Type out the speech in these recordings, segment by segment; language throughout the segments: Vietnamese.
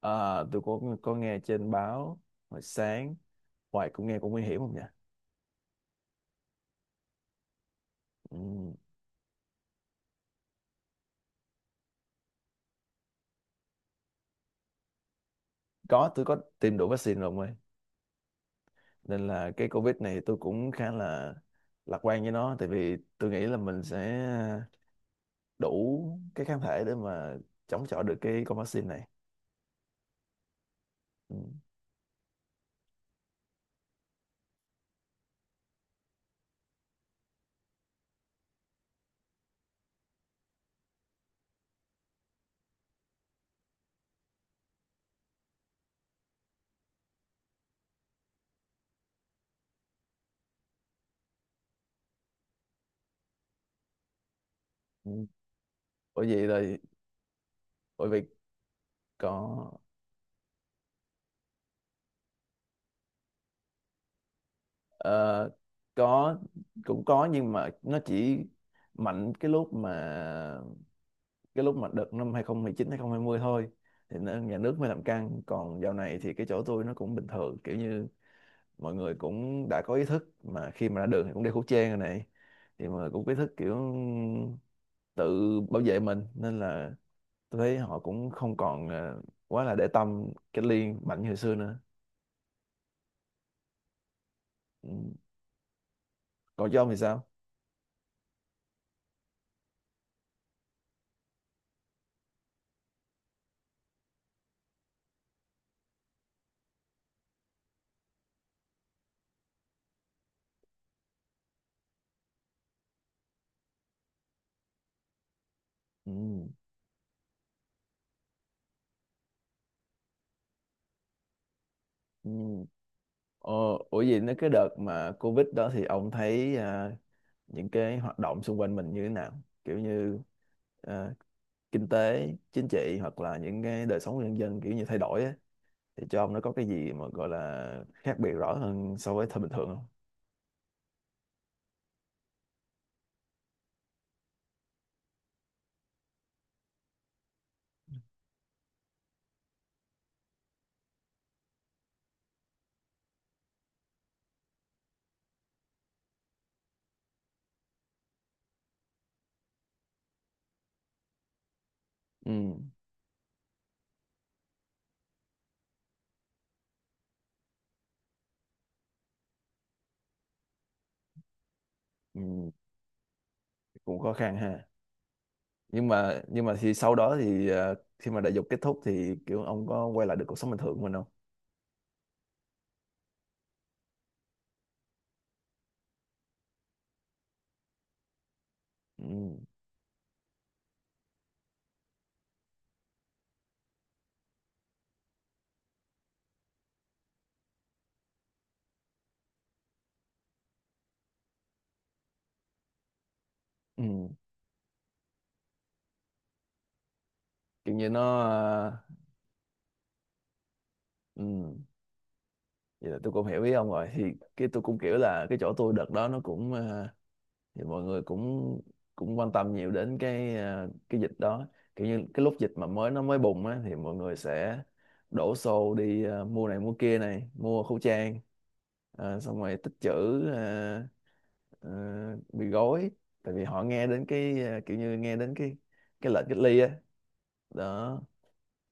À, tôi có nghe trên báo hồi sáng hoài cũng nghe cũng nguy hiểm không nhỉ? Ừ, có, tôi có tiêm đủ vaccine rồi ông ơi, nên là cái Covid này tôi cũng khá là lạc quan với nó, tại vì tôi nghĩ là mình sẽ đủ cái kháng thể để mà chống chọi được cái con vaccine này. Ừ. Ừ. Bởi vậy là bởi vì có ờ, có cũng có, nhưng mà nó chỉ mạnh cái lúc mà đợt năm hai hai chín hai 2020 thôi, thì nhà nước mới làm căng. Còn dạo này thì cái chỗ tôi nó cũng bình thường, kiểu như mọi người cũng đã có ý thức mà khi mà ra đường thì cũng đeo khẩu trang rồi này, thì mà cũng có ý thức kiểu tự bảo vệ mình. Nên là tôi thấy họ cũng không còn quá là để tâm cách ly mạnh như hồi xưa nữa. Ừ. Còn cho ông thì sao? Ừ. Ừ. Ờ, ủa gì nữa, cái đợt mà Covid đó thì ông thấy những cái hoạt động xung quanh mình như thế nào, kiểu như à, kinh tế chính trị hoặc là những cái đời sống của nhân dân kiểu như thay đổi á, thì cho ông nó có cái gì mà gọi là khác biệt rõ hơn so với thời bình thường không? Ừ, ừ, cũng khó khăn ha. Nhưng mà thì sau đó thì khi mà đại dục kết thúc thì kiểu ông có quay lại được cuộc sống bình thường của mình không? Ừ, ừ, kiểu như nó ờ, ừ, vậy là tôi cũng hiểu ý ông rồi. Thì cái tôi cũng kiểu là cái chỗ tôi đợt đó nó cũng ờ, thì mọi người cũng cũng quan tâm nhiều đến cái à, cái dịch đó. Kiểu như cái lúc dịch mà mới nó mới bùng á thì mọi người sẽ đổ xô đi à, mua này mua kia này mua khẩu trang, à, xong rồi tích trữ à, à, bị gói, tại vì họ nghe đến cái à, kiểu như nghe đến cái lệnh cách ly á đó,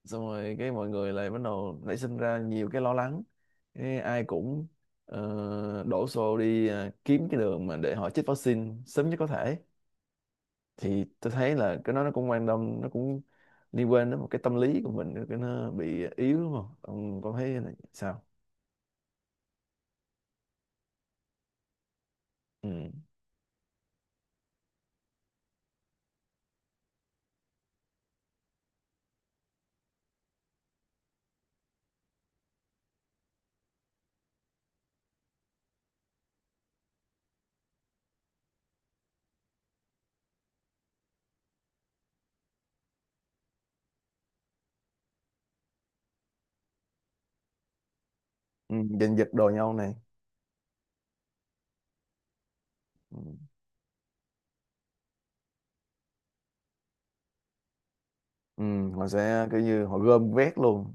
xong rồi cái mọi người lại bắt đầu nảy sinh ra nhiều cái lo lắng, cái ai cũng ờ, đổ xô đi à, kiếm cái đường mà để họ chích vaccine sớm nhất có thể. Thì tôi thấy là cái đó nó cũng quan tâm, nó cũng liên quan đến một cái tâm lý của mình, cái nó bị yếu, đúng không? Ông có thấy là sao? Ừ. Ừ. Giành giật đồ nhau này. Ừ. Ừ. Họ sẽ kiểu như họ gom vét luôn.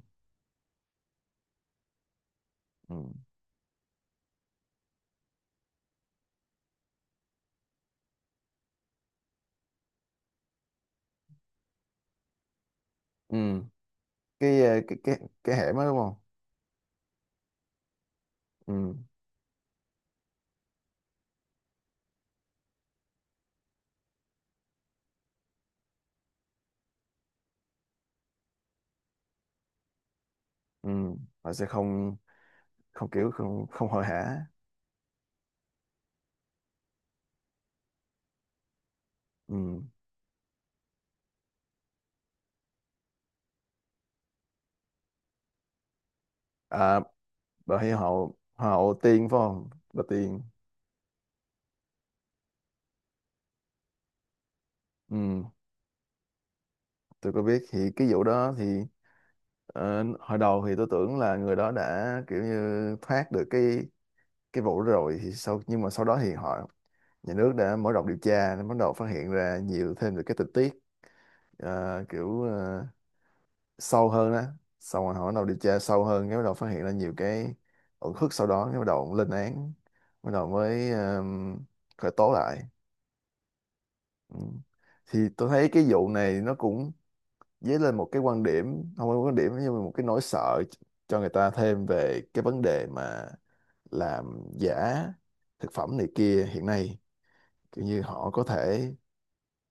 Ừ. Ừ. Cái ờ, cái hẻm đó đúng không? Ừ. Ừ. Họ sẽ không, không kiểu không, không hội hả. Ừ. À, bà thấy họ họ tiên phải không, bà tiên. Ừ. Tôi có biết. Thì cái vụ đó thì ờ, hồi đầu thì tôi tưởng là người đó đã kiểu như thoát được cái vụ đó rồi, thì sau, nhưng mà sau đó thì họ, nhà nước đã mở rộng điều tra nên bắt đầu phát hiện ra nhiều thêm được cái tình tiết ờ, kiểu ờ, sâu hơn đó. Xong rồi họ bắt đầu điều tra sâu hơn, cái bắt đầu phát hiện ra nhiều cái uẩn khúc sau đó, cái bắt đầu lên án, bắt đầu mới khởi tố lại. Ừ. Thì tôi thấy cái vụ này nó cũng dấy lên một cái quan điểm, không phải quan điểm nhưng mà một cái nỗi sợ cho người ta thêm về cái vấn đề mà làm giả thực phẩm này kia hiện nay, kiểu như họ có thể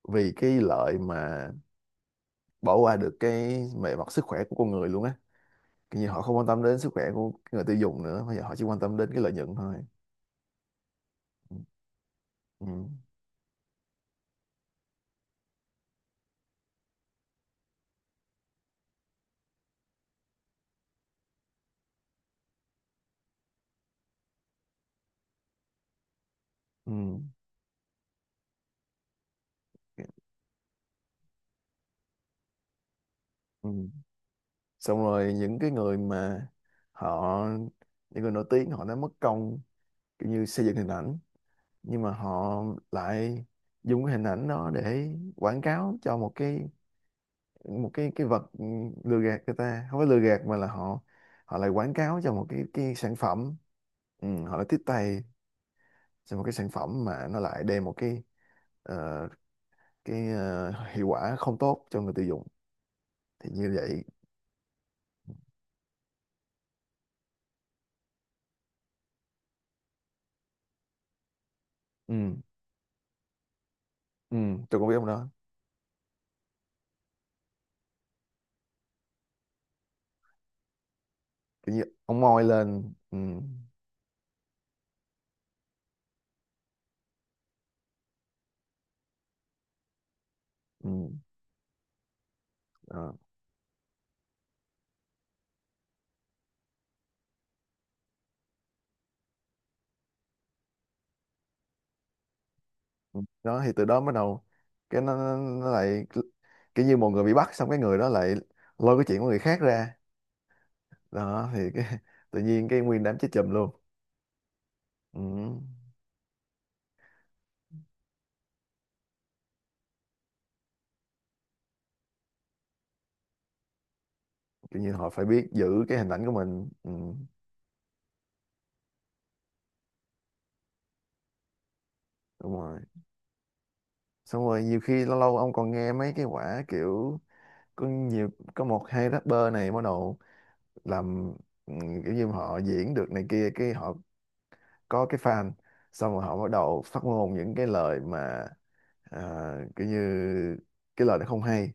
vì cái lợi mà bỏ qua được cái về mặt sức khỏe của con người luôn á. Kiểu như họ không quan tâm đến sức khỏe của người tiêu dùng nữa, bây giờ họ chỉ quan tâm đến cái lợi nhuận thôi. Ừ. Ừ. Ừ. Ừ. Xong rồi những cái người mà họ, những người nổi tiếng họ đã mất công kiểu như xây dựng hình ảnh, nhưng mà họ lại dùng cái hình ảnh đó để quảng cáo cho một cái, một cái vật ừ, lừa gạt người ta, không phải lừa gạt mà là họ họ lại quảng cáo cho một cái sản phẩm, ừ, họ lại tiếp tay cho một cái sản phẩm mà nó lại đem một ờ, cái ờ, hiệu quả không tốt cho người tiêu dùng, thì như vậy ừ, ừ, tôi cũng biết ông đó. Kiểu như ông moi lên ừ, ừ, ờ. Đó thì từ đó bắt đầu cái nó, nó lại kiểu như một người bị bắt, xong cái người đó lại lôi cái chuyện của người khác ra. Đó thì cái, tự nhiên cái nguyên đám chết chùm luôn. Ừ. Kiểu như họ phải biết giữ cái hình ảnh của mình. Ừ. Đúng rồi. Xong rồi nhiều khi lâu lâu ông còn nghe mấy cái quả kiểu có nhiều, có một hai rapper này bắt đầu làm ừ, kiểu như họ diễn được này kia, cái họ có cái fan, xong rồi họ bắt đầu phát ngôn những cái lời mà à, kiểu như cái lời nó không hay,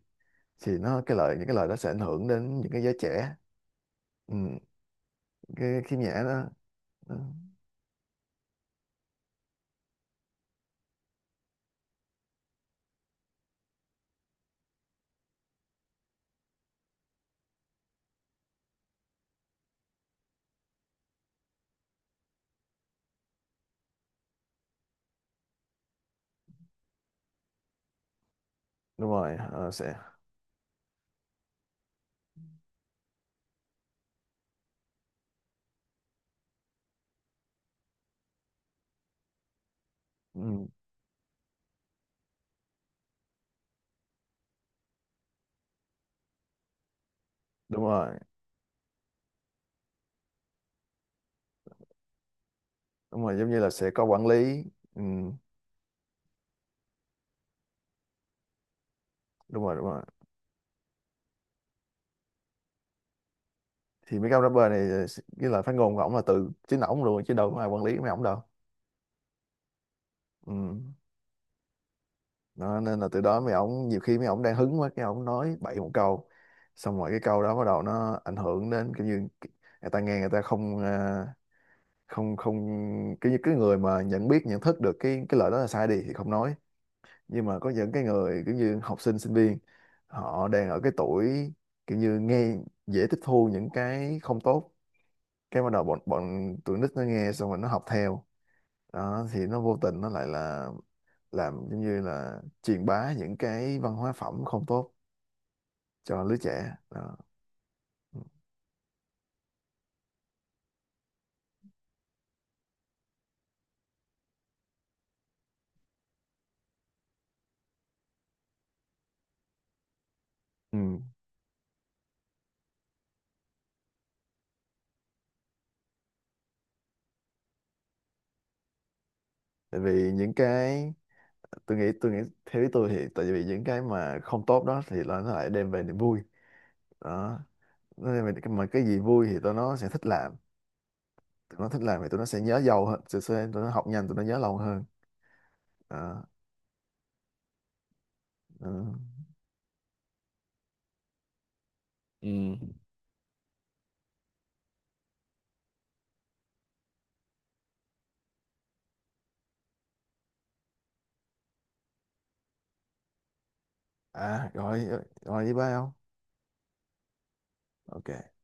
thì nó cái lời, những cái lời đó sẽ ảnh hưởng đến những cái giới trẻ ừ, cái khiếm nhã đó. Ừ, đúng rồi ờ, sẽ ừ, đúng rồi, đúng rồi, giống như là sẽ có quản lý. Ừ, đúng rồi, đúng rồi. Thì mấy cái ông rapper này ờ, cái lời phát ngôn của ổng là từ chính ổng luôn, chứ đâu có ai quản lý mấy ổng đâu. Ừ. Đó, nên là từ đó mấy ổng nhiều khi mấy ổng đang hứng quá cái ổng nói bậy một câu, xong rồi cái câu đó bắt đầu nó ảnh hưởng đến kiểu như người ta nghe, người ta không không, không, cái cái người mà nhận biết nhận thức được cái lời đó là sai đi thì không nói, nhưng mà có những cái người kiểu như học sinh sinh viên họ đang ở cái tuổi kiểu như nghe dễ tiếp thu những cái không tốt, cái bắt đầu bọn bọn tụi nít nó nghe xong rồi nó học theo. Đó thì nó vô tình nó lại là làm giống như là truyền bá những cái văn hóa phẩm không tốt cho lứa trẻ đó. Ừ. Tại vì những cái, tôi nghĩ theo ý tôi thì tại vì những cái mà không tốt đó thì là nó lại đem về niềm vui đó, nên mà cái gì vui thì tụi nó sẽ thích làm. Tụi nó thích làm thì tụi nó sẽ nhớ lâu hơn, sẽ tụi nó học nhanh, tụi nó nhớ lâu hơn đó. Ừ. Ừ. À rồi, rồi với ba không. Ok.